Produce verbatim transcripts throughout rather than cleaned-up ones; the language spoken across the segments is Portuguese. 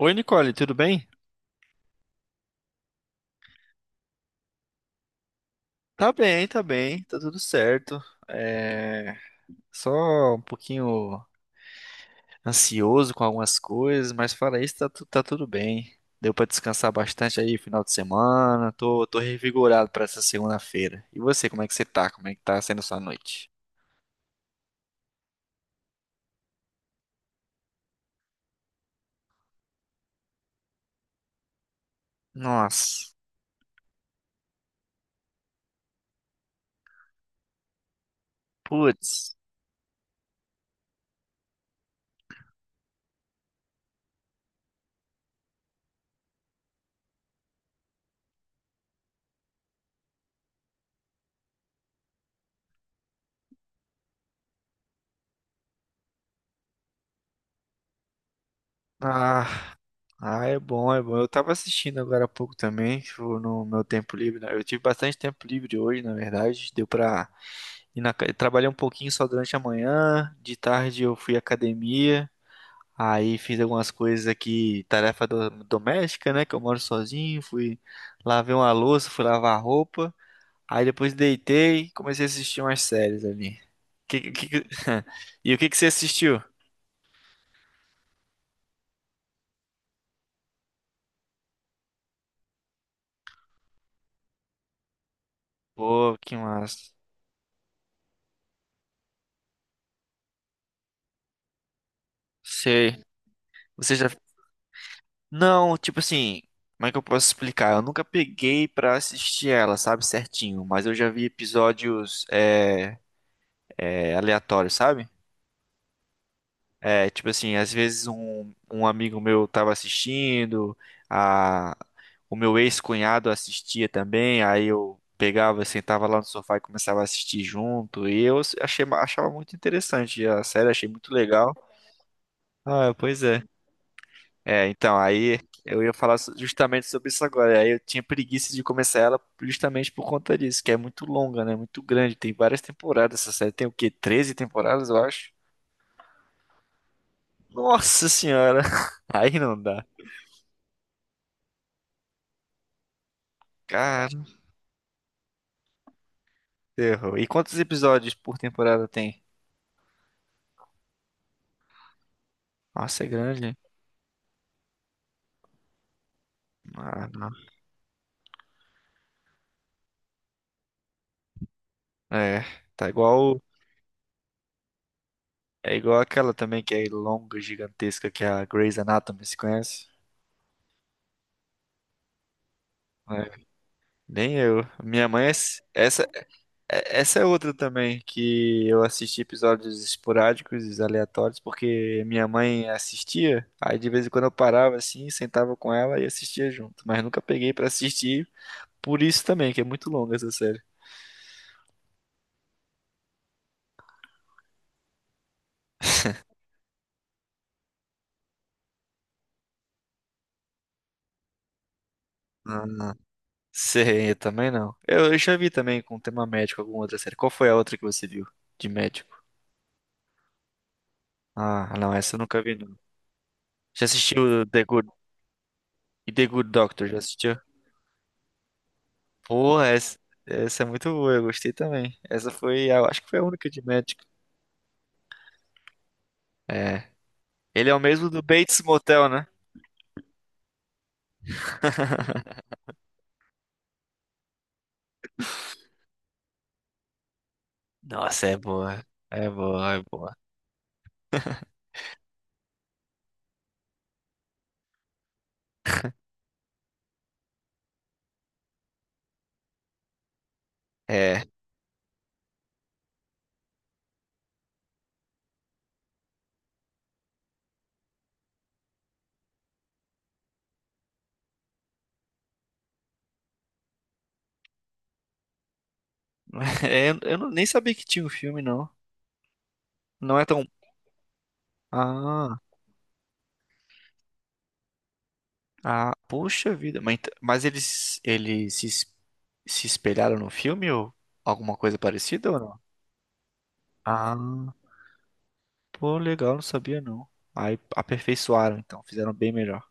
Oi, Nicole, tudo bem? Tá bem, tá bem, tá tudo certo. É... Só um pouquinho ansioso com algumas coisas, mas fora isso, tá, tu- tá tudo bem. Deu pra descansar bastante aí final de semana, tô, tô revigorado pra essa segunda-feira. E você, como é que você tá? Como é que tá sendo sua noite? Nossa, putz. Ah, ah, é bom, é bom. Eu tava assistindo agora há pouco também, tipo, no meu tempo livre, né? Eu tive bastante tempo livre hoje, na verdade. Deu pra E na, ca- trabalhei um pouquinho só durante a manhã. De tarde eu fui à academia. Aí fiz algumas coisas aqui, tarefa do- doméstica, né? Que eu moro sozinho. Fui lavar uma louça, fui lavar roupa. Aí depois deitei e comecei a assistir umas séries ali. Que- que- que- E o que que você assistiu? Pô, que massa. Sei. Você já. Não, tipo assim. Como é que eu posso explicar? Eu nunca peguei pra assistir ela, sabe, certinho. Mas eu já vi episódios é, é, aleatórios, sabe? É, tipo assim, às vezes um, um amigo meu tava assistindo, a, o meu ex-cunhado assistia também, aí eu pegava, sentava lá no sofá e começava a assistir junto, e eu achei, achava muito interessante a série, achei muito legal. Ah, pois é. É, então, aí eu ia falar so- justamente sobre isso agora, aí eu tinha preguiça de começar ela justamente por conta disso, que é muito longa, né, muito grande, tem várias temporadas essa série, tem o quê? Treze temporadas, eu acho? Nossa senhora, aí não dá. Cara, errou. E quantos episódios por temporada tem? Nossa, é grande. Ah, não. É, tá igual. É igual aquela também que é longa, gigantesca, que é a Grey's Anatomy, se conhece? É, nem eu. Minha mãe, é s- essa, é- essa é outra também, que eu assisti episódios esporádicos, aleatórios, porque minha mãe assistia, aí de vez em quando eu parava assim, sentava com ela e assistia junto, mas nunca peguei pra assistir, por isso também, que é muito longa essa série. Ah, sei, eu também não. Eu, eu já vi também com tema médico alguma outra série. Qual foi a outra que você viu de médico? Ah, não, essa eu nunca vi, não. Já assistiu The Good, e The Good Doctor, já assistiu? Pô, essa, essa é muito boa, eu gostei também. Essa foi, a- eu acho que foi a única de médico. É. Ele é o mesmo do Bates Motel, né? Nossa, é boa. É boa, é boa. É. Eu, eu não- Nem sabia que tinha um filme, não. Não é tão. Ah. Ah, puxa vida. Mas, ent- mas eles, eles se, es- se espelharam no filme ou alguma coisa parecida ou não? Ah, pô, legal, não sabia não. Aí aperfeiçoaram, então, fizeram bem melhor.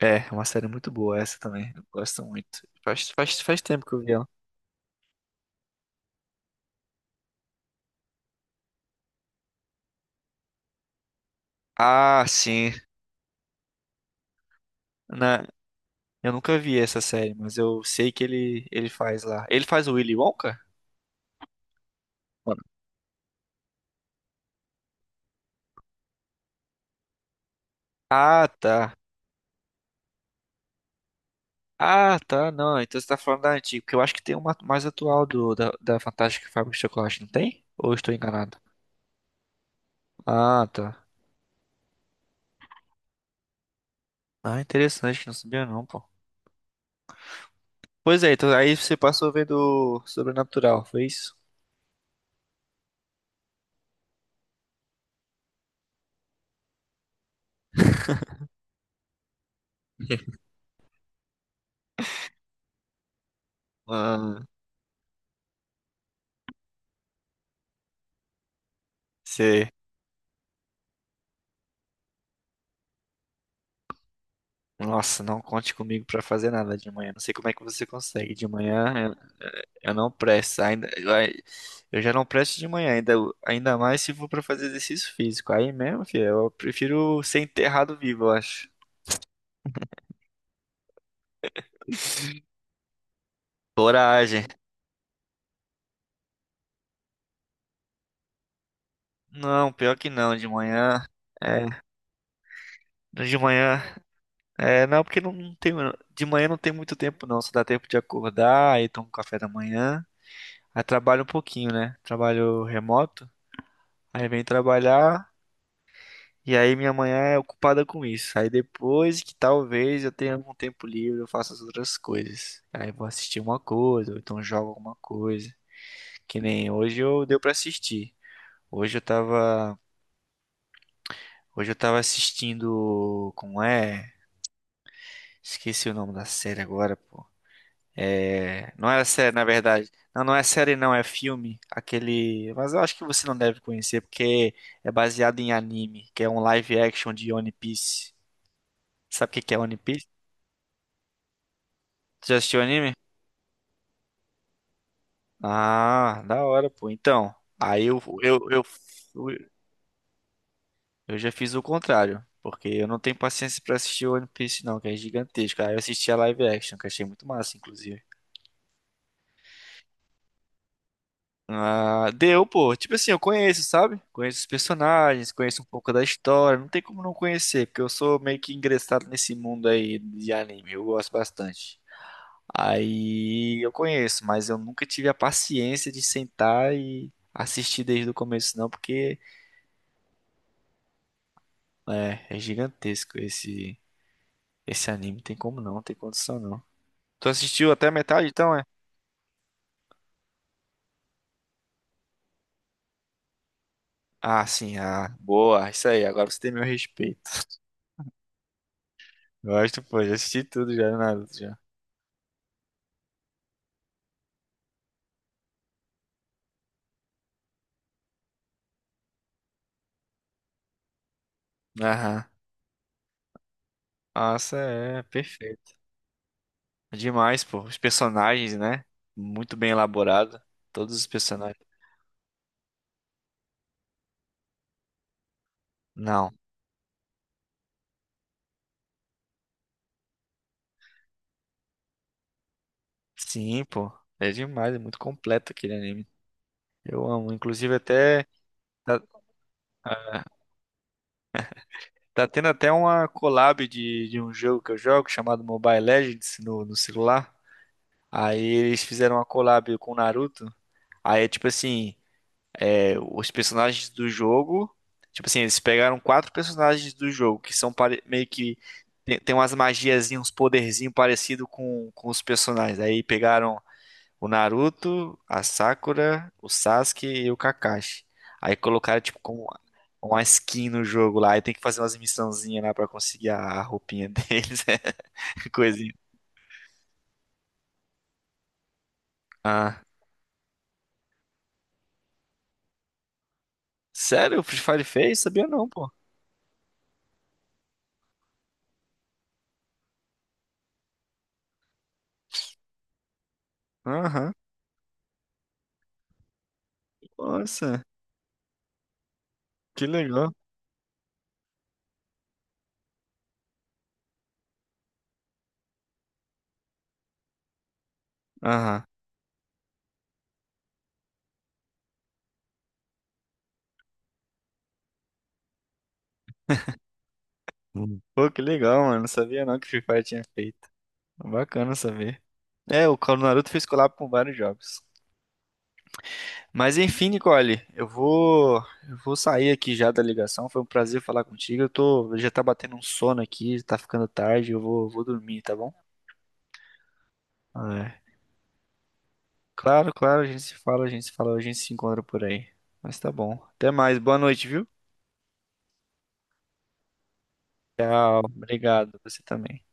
É, é uma série muito boa essa também. Eu gosto muito. Faz, faz, faz tempo que eu vi ela. Ah, sim. Na, eu nunca vi essa série, mas eu sei que ele, ele faz lá. Ele faz o Willy Wonka? Mano. Ah, tá. Ah, tá, não. Então você tá falando da antiga, porque eu acho que tem uma mais atual do, da, da Fantástica Fábrica de Chocolate, não tem? Ou eu estou enganado? Ah, tá. Ah, interessante, não sabia não, pô. Pois é, então aí você passou vendo Sobrenatural, foi isso? Ah, você... Nossa, não conte comigo pra fazer nada de manhã. Não sei como é que você consegue. De manhã eu, eu não presto. Ainda, ai, eu já não presto de manhã, ainda, ainda mais se for pra fazer exercício físico. Aí mesmo, filho, eu prefiro ser enterrado vivo, eu acho. Coragem. Não, pior que não, de manhã. É, de manhã. É, não, porque não tem. De manhã não tem muito tempo, não. Só dá tempo de acordar, aí tomo café da manhã. Aí trabalho um pouquinho, né? Trabalho remoto. Aí vem trabalhar. E aí minha manhã é ocupada com isso. Aí depois que talvez eu tenha algum tempo livre, eu faço as outras coisas. Aí vou assistir uma coisa, ou então jogo alguma coisa. Que nem hoje eu deu pra assistir. Hoje eu tava. Hoje eu tava assistindo. Como é? Esqueci o nome da série agora, pô. É, não é série, na verdade. Não, não é série, não, é filme. Aquele. Mas eu acho que você não deve conhecer, porque é baseado em anime, que é um live action de One Piece. Sabe o que que é One Piece? Já assistiu anime? Ah, da hora, pô. Então, aí eu, eu, eu, fui- eu já fiz o contrário, porque eu não tenho paciência pra assistir One Piece, não, que é gigantesco. Aí eu assisti a live action, que achei muito massa, inclusive. Ah, deu, pô. Tipo assim, eu conheço, sabe? Conheço os personagens, conheço um pouco da história. Não tem como não conhecer, porque eu sou meio que ingressado nesse mundo aí de anime. Eu gosto bastante. Aí eu conheço, mas eu nunca tive a paciência de sentar e assistir desde o começo, não, porque é, é gigantesco esse esse anime. Não tem como não, não tem condição não. Tu assistiu até a metade, então é? Ah, sim, ah, boa, isso aí. Agora você tem meu respeito. Gosto, pô, já assisti tudo já, Naruto já. Aham. Nossa, é perfeito. Demais, pô. Os personagens, né? Muito bem elaborado. Todos os personagens. Não. Sim, pô. É demais, é muito completo aquele anime. Eu amo. Inclusive até tá, ah, tá tendo até uma collab de, de um jogo que eu jogo chamado Mobile Legends no, no celular. Aí eles fizeram uma collab com o Naruto. Aí é tipo assim, é, os personagens do jogo. Tipo assim, eles pegaram quatro personagens do jogo que são pare- meio que. Tem, tem umas magiazinhas, uns poderzinhos parecidos com, com os personagens. Aí pegaram o Naruto, a Sakura, o Sasuke e o Kakashi. Aí colocaram, tipo, como uma skin no jogo lá. Aí tem que fazer umas missãozinhas lá pra conseguir a, a roupinha deles. Coisinha. Ah. Sério? O Free Fire fez? Sabia não, pô. Aham. Nossa, que legal. Aham. Hum. Pô, que legal, mano. Não sabia não que Free Fire tinha feito. Bacana saber. É, o Call do Naruto fez collab com vários jogos. Mas enfim, Nicole, eu vou, eu vou sair aqui já da ligação. Foi um prazer falar contigo. Eu tô, já tá batendo um sono aqui, tá ficando tarde. Eu vou, vou dormir, tá bom? É. Claro, claro, a gente se fala, a gente se fala, a gente se encontra por aí. Mas tá bom. Até mais. Boa noite, viu? Tchau. Obrigado. Você também.